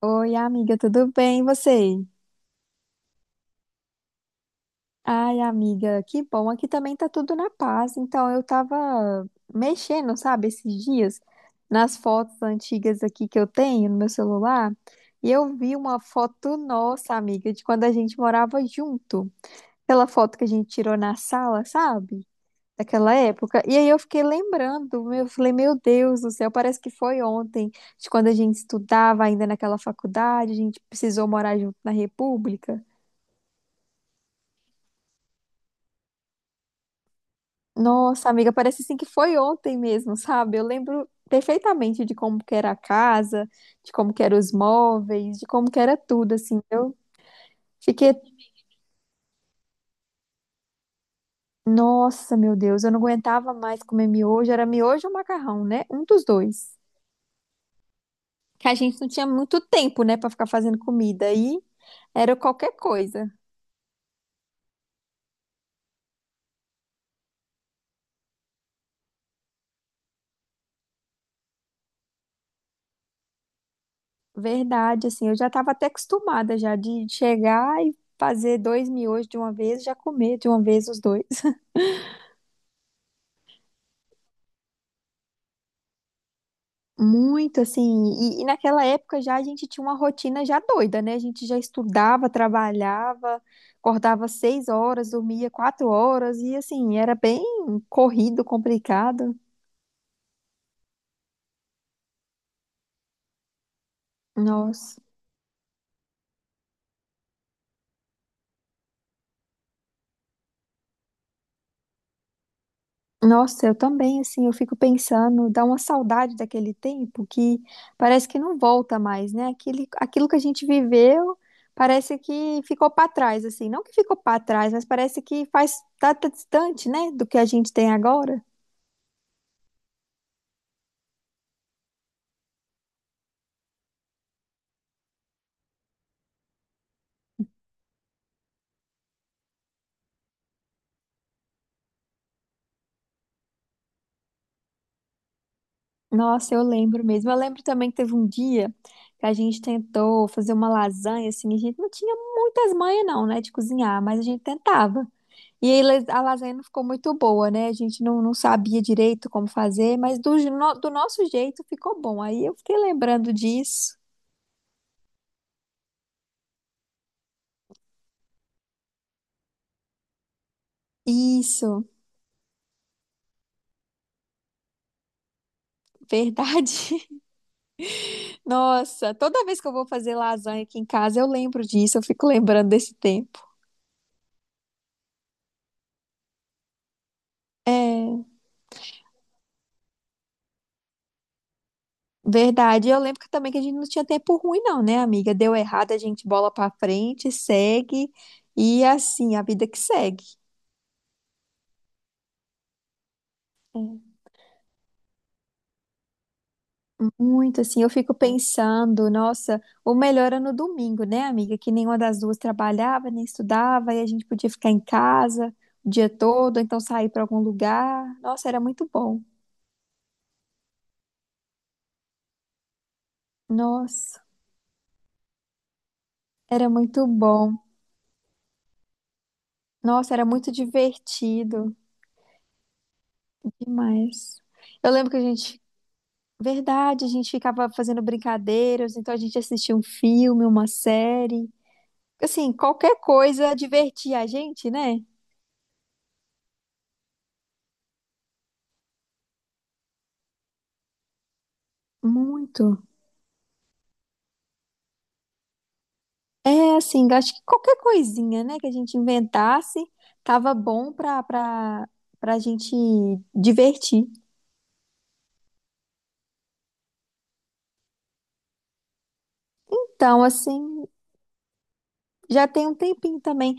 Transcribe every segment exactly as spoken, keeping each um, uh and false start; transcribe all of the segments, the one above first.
Oi, amiga, tudo bem? E você? Ai, amiga, que bom. Aqui também tá tudo na paz. Então, eu tava mexendo, sabe, esses dias nas fotos antigas aqui que eu tenho no meu celular, e eu vi uma foto nossa, amiga, de quando a gente morava junto. Aquela foto que a gente tirou na sala, sabe? Daquela época. E aí eu fiquei lembrando, eu falei, meu Deus do céu, parece que foi ontem, de quando a gente estudava ainda naquela faculdade, a gente precisou morar junto na República. Nossa, amiga, parece assim que foi ontem mesmo, sabe? Eu lembro perfeitamente de como que era a casa, de como que eram os móveis, de como que era tudo, assim. Eu fiquei, nossa, meu Deus, eu não aguentava mais comer miojo, era miojo ou macarrão, né? Um dos dois. Que a gente não tinha muito tempo, né, pra ficar fazendo comida aí, era qualquer coisa. Verdade, assim, eu já tava até acostumada já de chegar e fazer dois miojos de uma vez, já comer de uma vez os dois. Muito assim, e, e naquela época já a gente tinha uma rotina já doida, né? A gente já estudava, trabalhava, acordava seis horas, dormia quatro horas, e assim, era bem corrido, complicado. Nossa, nossa, eu também, assim, eu fico pensando, dá uma saudade daquele tempo que parece que não volta mais, né? Aquele, aquilo que a gente viveu parece que ficou para trás, assim, não que ficou para trás, mas parece que faz, tá, tá distante, né, do que a gente tem agora. Nossa, eu lembro mesmo. Eu lembro também que teve um dia que a gente tentou fazer uma lasanha, assim, a gente não tinha muitas manhas não, né, de cozinhar, mas a gente tentava. E aí las- a lasanha não ficou muito boa, né? A gente não, não sabia direito como fazer, mas do, je- no- do nosso jeito ficou bom. Aí eu fiquei lembrando disso. Isso, verdade. Nossa, toda vez que eu vou fazer lasanha aqui em casa, eu lembro disso, eu fico lembrando desse tempo. É. Verdade. Eu lembro que também que a gente não tinha tempo ruim, não, né, amiga? Deu errado, a gente bola pra frente, segue. E assim, a vida que segue. É. Muito assim, eu fico pensando, nossa, o melhor era no domingo, né, amiga? Que nenhuma das duas trabalhava, nem estudava, e a gente podia ficar em casa o dia todo, ou então sair para algum lugar. Nossa, era muito bom. Nossa, era muito bom. Nossa, era muito divertido demais. Eu lembro que a gente verdade, a gente ficava fazendo brincadeiras, então a gente assistia um filme, uma série. Assim, qualquer coisa divertia a gente, né? Muito. É assim, acho que qualquer coisinha, né, que a gente inventasse, tava bom pra, pra, pra gente divertir. Então, assim, já tem um tempinho também.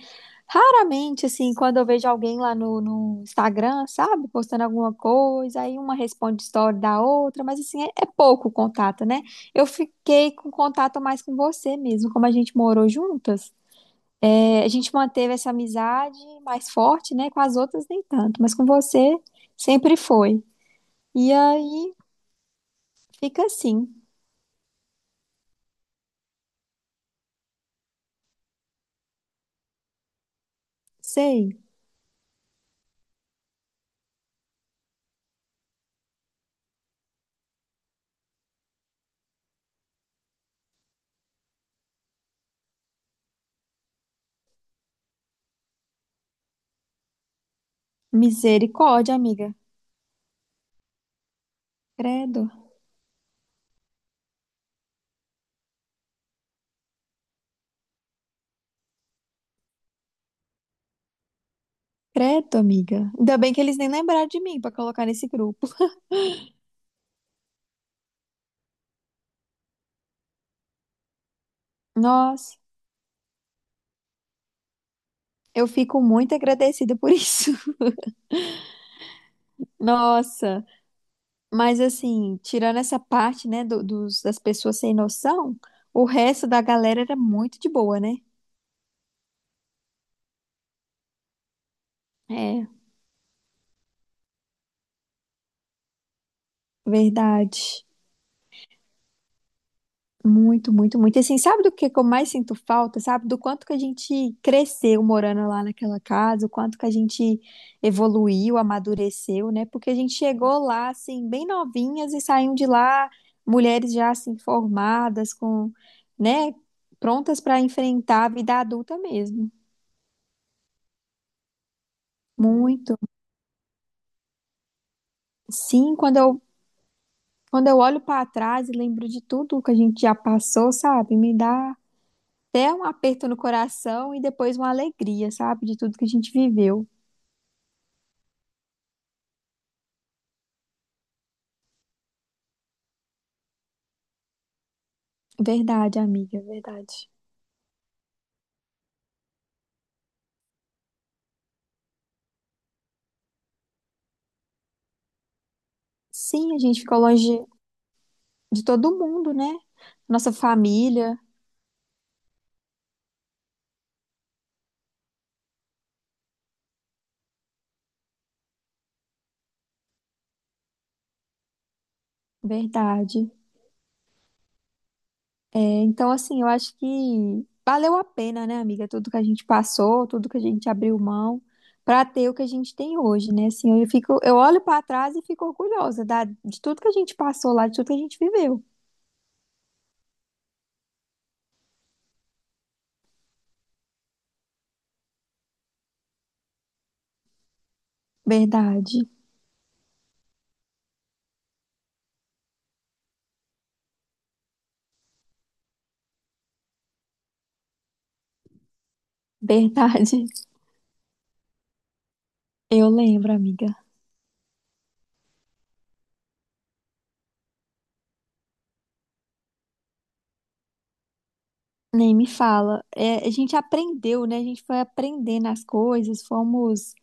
Raramente, assim, quando eu vejo alguém lá no, no Instagram, sabe, postando alguma coisa, aí uma responde story da outra, mas assim, é, é pouco o contato, né? Eu fiquei com contato mais com você mesmo, como a gente morou juntas, é, a gente manteve essa amizade mais forte, né? Com as outras nem tanto, mas com você sempre foi. E aí fica assim, sei, misericórdia, amiga. Credo, credo, amiga. Ainda bem que eles nem lembraram de mim pra colocar nesse grupo. Nossa, eu fico muito agradecida por isso. Nossa, mas assim, tirando essa parte, né, do- dos, das pessoas sem noção, o resto da galera era muito de boa, né? É, verdade. Muito, muito, muito. E assim, sabe do que que eu mais sinto falta, sabe? Do quanto que a gente cresceu morando lá naquela casa, o quanto que a gente evoluiu, amadureceu, né? Porque a gente chegou lá, assim, bem novinhas e saímos de lá, mulheres já, assim, formadas, com, né? Prontas para enfrentar a vida adulta mesmo. Muito. Sim, quando eu, quando eu olho para trás e lembro de tudo que a gente já passou, sabe? Me dá até um aperto no coração e depois uma alegria, sabe? De tudo que a gente viveu. Verdade, amiga, verdade. Sim, a gente ficou longe de todo mundo, né? Nossa família, verdade. É, então, assim, eu acho que valeu a pena, né, amiga? Tudo que a gente passou, tudo que a gente abriu mão para ter o que a gente tem hoje, né? Assim, eu fico, eu olho para trás e fico orgulhosa da- de tudo que a gente passou lá, de tudo que a gente viveu. Verdade, verdade. Eu lembro, amiga. Nem me fala. É, a gente aprendeu, né? A gente foi aprendendo as coisas, fomos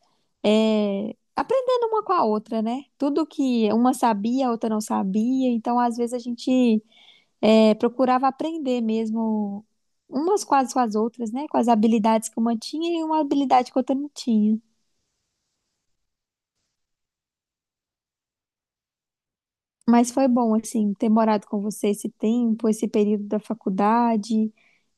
é, aprendendo uma com a outra, né? Tudo que uma sabia, a outra não sabia. Então, às vezes, a gente é, procurava aprender mesmo umas quase com as outras, né? Com as habilidades que uma tinha e uma habilidade que a outra não tinha. Mas foi bom, assim, ter morado com você esse tempo, esse período da faculdade.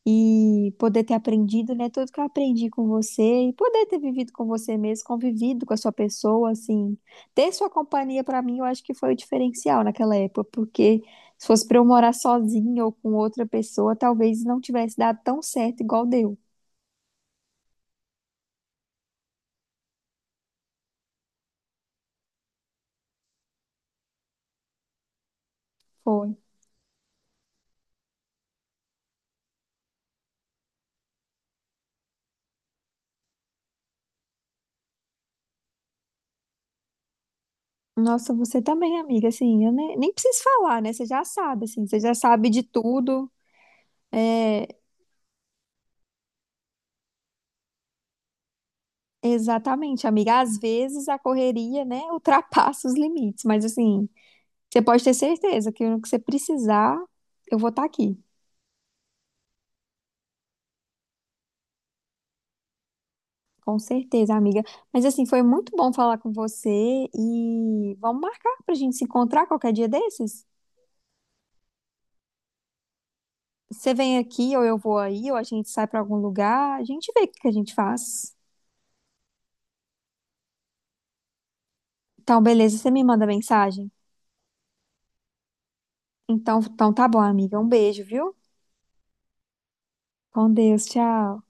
E poder ter aprendido, né, tudo que eu aprendi com você e poder ter vivido com você mesmo, convivido com a sua pessoa, assim, ter sua companhia pra mim, eu acho que foi o diferencial naquela época, porque se fosse pra eu morar sozinha ou com outra pessoa, talvez não tivesse dado tão certo igual deu. Foi. Nossa, você também, amiga, assim, eu nem, nem preciso falar, né? Você já sabe, assim, você já sabe de tudo. Exatamente, amiga. Às vezes a correria, né, ultrapassa os limites, mas assim, você pode ter certeza que no que você precisar, eu vou estar aqui. Com certeza, amiga. Mas assim, foi muito bom falar com você e vamos marcar pra gente se encontrar qualquer dia desses? Você vem aqui ou eu vou aí, ou a gente sai pra algum lugar, a gente vê o que que a gente faz. Então, beleza, você me manda mensagem? Então, então tá bom, amiga. Um beijo, viu? Com Deus, tchau.